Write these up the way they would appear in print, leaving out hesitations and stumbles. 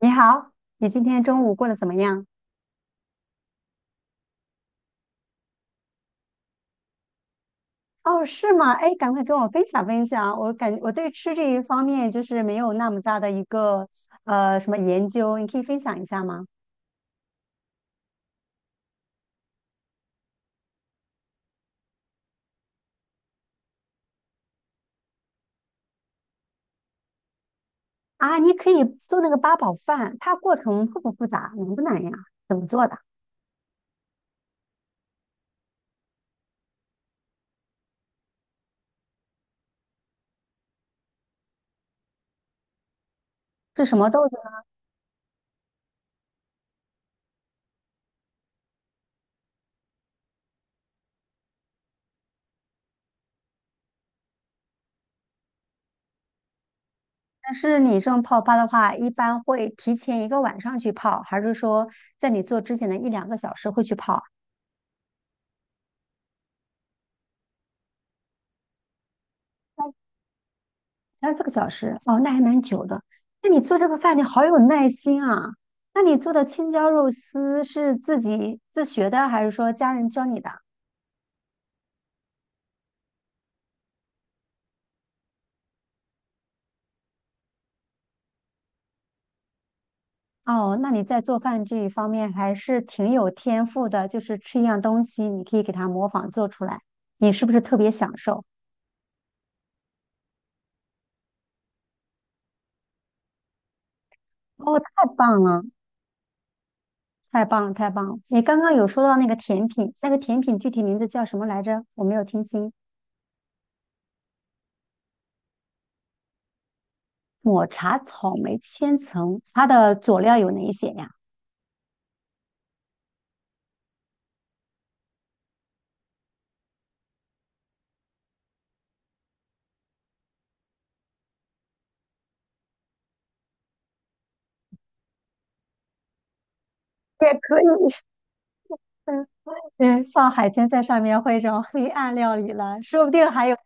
你好，你今天中午过得怎么样？哦，是吗？哎，赶快跟我分享分享。我对吃这一方面就是没有那么大的一个什么研究，你可以分享一下吗？啊，你可以做那个八宝饭，它过程复不复杂，难不难呀？怎么做的？是什么豆子呢但是你这种泡发的话，一般会提前一个晚上去泡，还是说在你做之前的一两个小时会去泡？三四个小时，哦，那还蛮久的。那你做这个饭，你好有耐心啊！那你做的青椒肉丝是自己自学的，还是说家人教你的？哦，那你在做饭这一方面还是挺有天赋的，就是吃一样东西，你可以给它模仿做出来，你是不是特别享受？哦，太棒了，太棒了，太棒了！你刚刚有说到那个甜品，那个甜品具体名字叫什么来着？我没有听清。抹茶草莓千层，它的佐料有哪一些呀？也可以，对，放海鲜在上面会种黑暗料理了，说不定还有，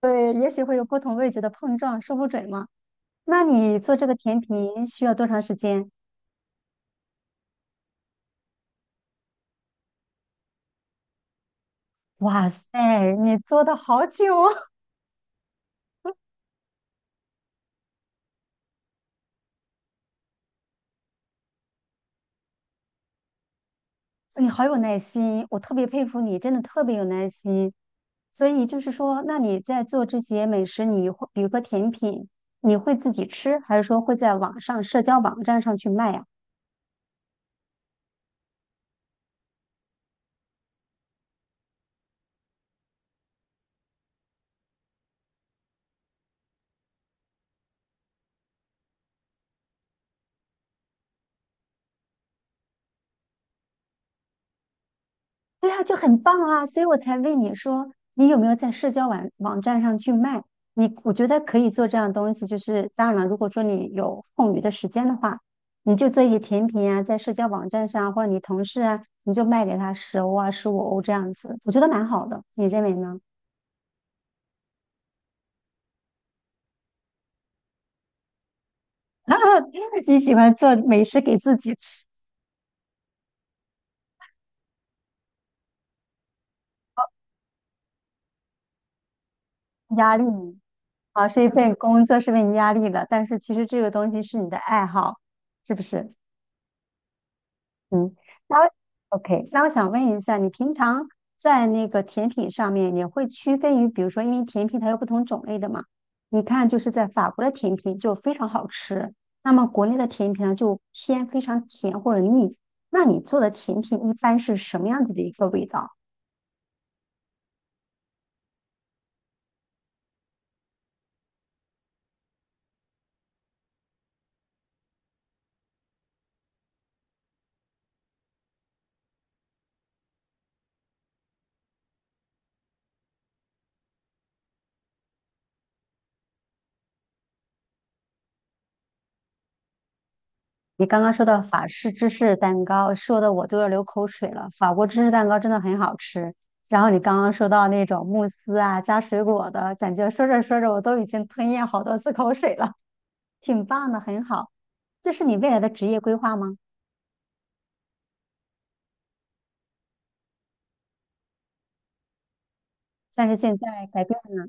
对，也许会有不同味觉的碰撞，说不准嘛。那你做这个甜品需要多长时间？哇塞，你做的好久啊，你好有耐心，我特别佩服你，真的特别有耐心。所以就是说，那你在做这些美食，你会比如说甜品，你会自己吃，还是说会在网上社交网站上去卖呀？对啊，就很棒啊，所以我才问你说，你有没有在社交网站上去卖？你我觉得可以做这样的东西，就是当然了，如果说你有空余的时间的话，你就做一些甜品啊，在社交网站上或者你同事啊，你就卖给他10欧啊、15欧这样子，我觉得蛮好的，你认为呢？你喜欢做美食给自己吃，压力啊，是一份工作是为你压力的，但是其实这个东西是你的爱好，是不是？嗯，那我 OK，那我想问一下，你平常在那个甜品上面，也会区分于，比如说，因为甜品它有不同种类的嘛，你看就是在法国的甜品就非常好吃，那么国内的甜品呢就偏非常甜或者腻，那你做的甜品一般是什么样子的一个味道？你刚刚说到法式芝士蛋糕，说的我都要流口水了。法国芝士蛋糕真的很好吃。然后你刚刚说到那种慕斯啊，加水果的，感觉说着说着我都已经吞咽好多次口水了，挺棒的，很好。这是你未来的职业规划吗？但是现在改变了，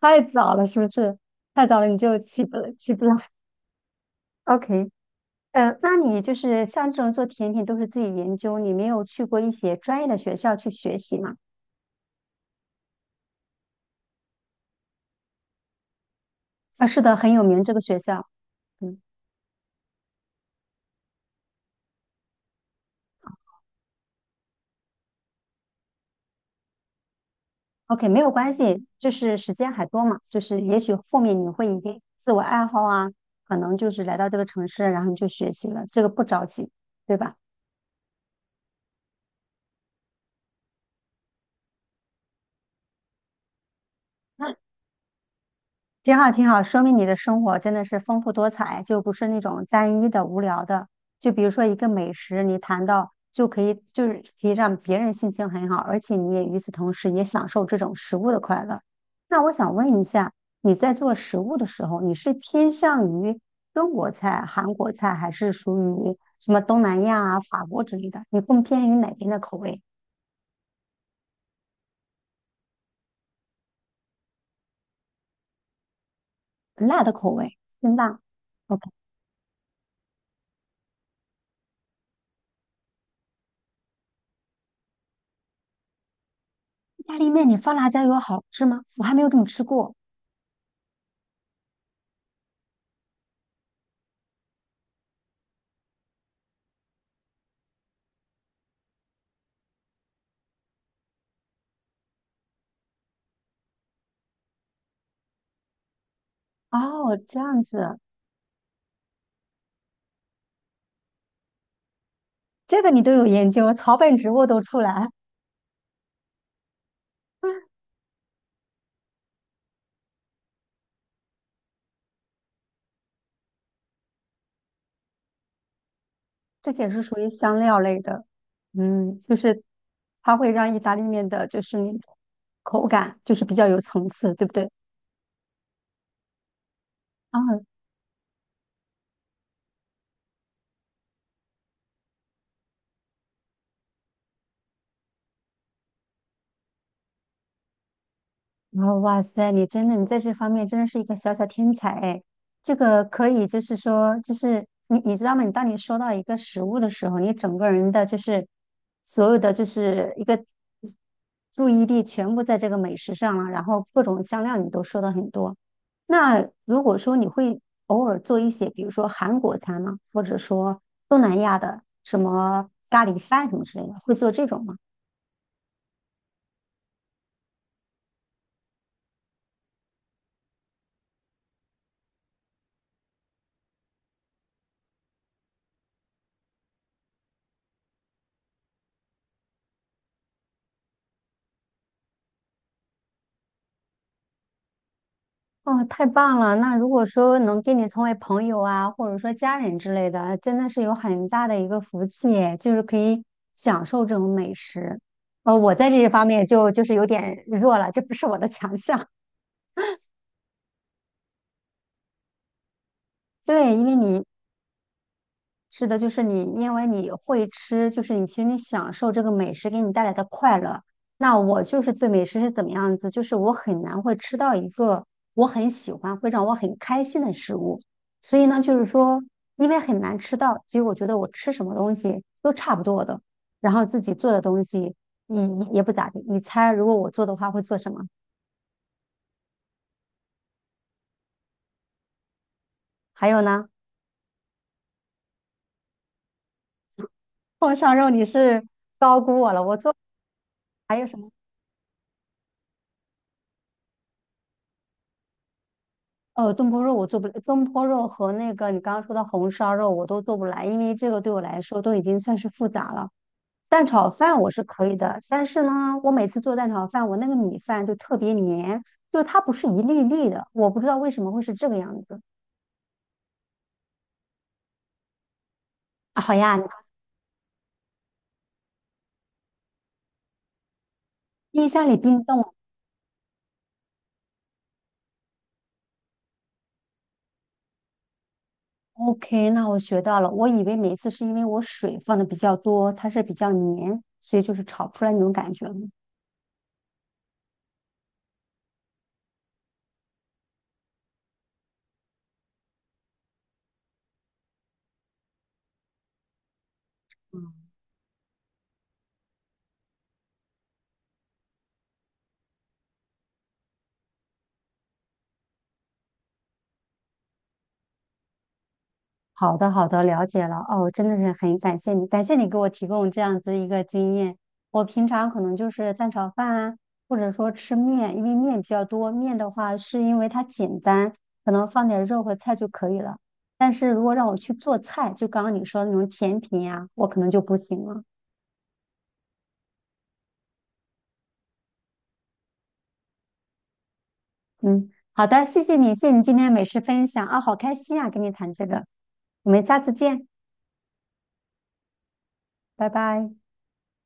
太早了，是不是？太早了你就起不来，起不来。OK，那你就是像这种做甜品都是自己研究，你没有去过一些专业的学校去学习吗？啊，是的，很有名这个学校。嗯。OK，没有关系，就是时间还多嘛，就是也许后面你会一定自我爱好啊，可能就是来到这个城市，然后你就学习了，这个不着急，对吧？挺好，挺好，说明你的生活真的是丰富多彩，就不是那种单一的、无聊的。就比如说一个美食，你谈到就可以，就是可以让别人心情很好，而且你也与此同时也享受这种食物的快乐。那我想问一下，你在做食物的时候，你是偏向于中国菜、韩国菜，还是属于什么东南亚啊、法国之类的？你更偏于哪边的口味？辣的口味，辛辣。OK，意大利面你放辣椒油好吃吗？我还没有这么吃过。哦，这样子，这个你都有研究，草本植物都出来，这些是属于香料类的。嗯，就是它会让意大利面的，就是那种口感就是比较有层次，对不对？啊，然后，哇塞，你真的，你在这方面真的是一个小小天才哎！这个可以，就是说，就是你知道吗？你当你收到一个食物的时候，你整个人的就是所有的就是一个注意力全部在这个美食上了，然后各种香料你都说的很多。那如果说你会偶尔做一些，比如说韩国餐吗？或者说东南亚的什么咖喱饭什么之类的，会做这种吗？哦，太棒了！那如果说能跟你成为朋友啊，或者说家人之类的，真的是有很大的一个福气耶就是可以享受这种美食。呃，我在这一方面就是有点弱了，这不是我的强项。对，因为你是的，就是你，因为你会吃，就是你其实你享受这个美食给你带来的快乐。那我就是对美食是怎么样子，就是我很难会吃到一个我很喜欢、会让我很开心的食物。所以呢，就是说，因为很难吃到，所以我觉得我吃什么东西都差不多的。然后自己做的东西，嗯，也不咋地。你猜，如果我做的话会做什么？还有呢，碰上肉你是高估我了，我做。还有什么？东坡肉我做不，东坡肉和那个你刚刚说的红烧肉我都做不来，因为这个对我来说都已经算是复杂了。蛋炒饭我是可以的，但是呢，我每次做蛋炒饭，我那个米饭就特别黏，就是它不是一粒粒的，我不知道为什么会是这个样子。啊好呀，你冰箱里冰冻了 OK，那我学到了。我以为每次是因为我水放的比较多，它是比较黏，所以就是炒不出来那种感觉。好的，好的，了解了。哦，真的是很感谢你，感谢你给我提供这样子一个经验。我平常可能就是蛋炒饭啊，或者说吃面，因为面比较多。面的话，是因为它简单，可能放点肉和菜就可以了。但是如果让我去做菜，就刚刚你说的那种甜品呀、我可能就不行了。嗯，好的，谢谢你，谢谢你今天美食分享啊，好开心啊，跟你谈这个。我们下次见，拜拜。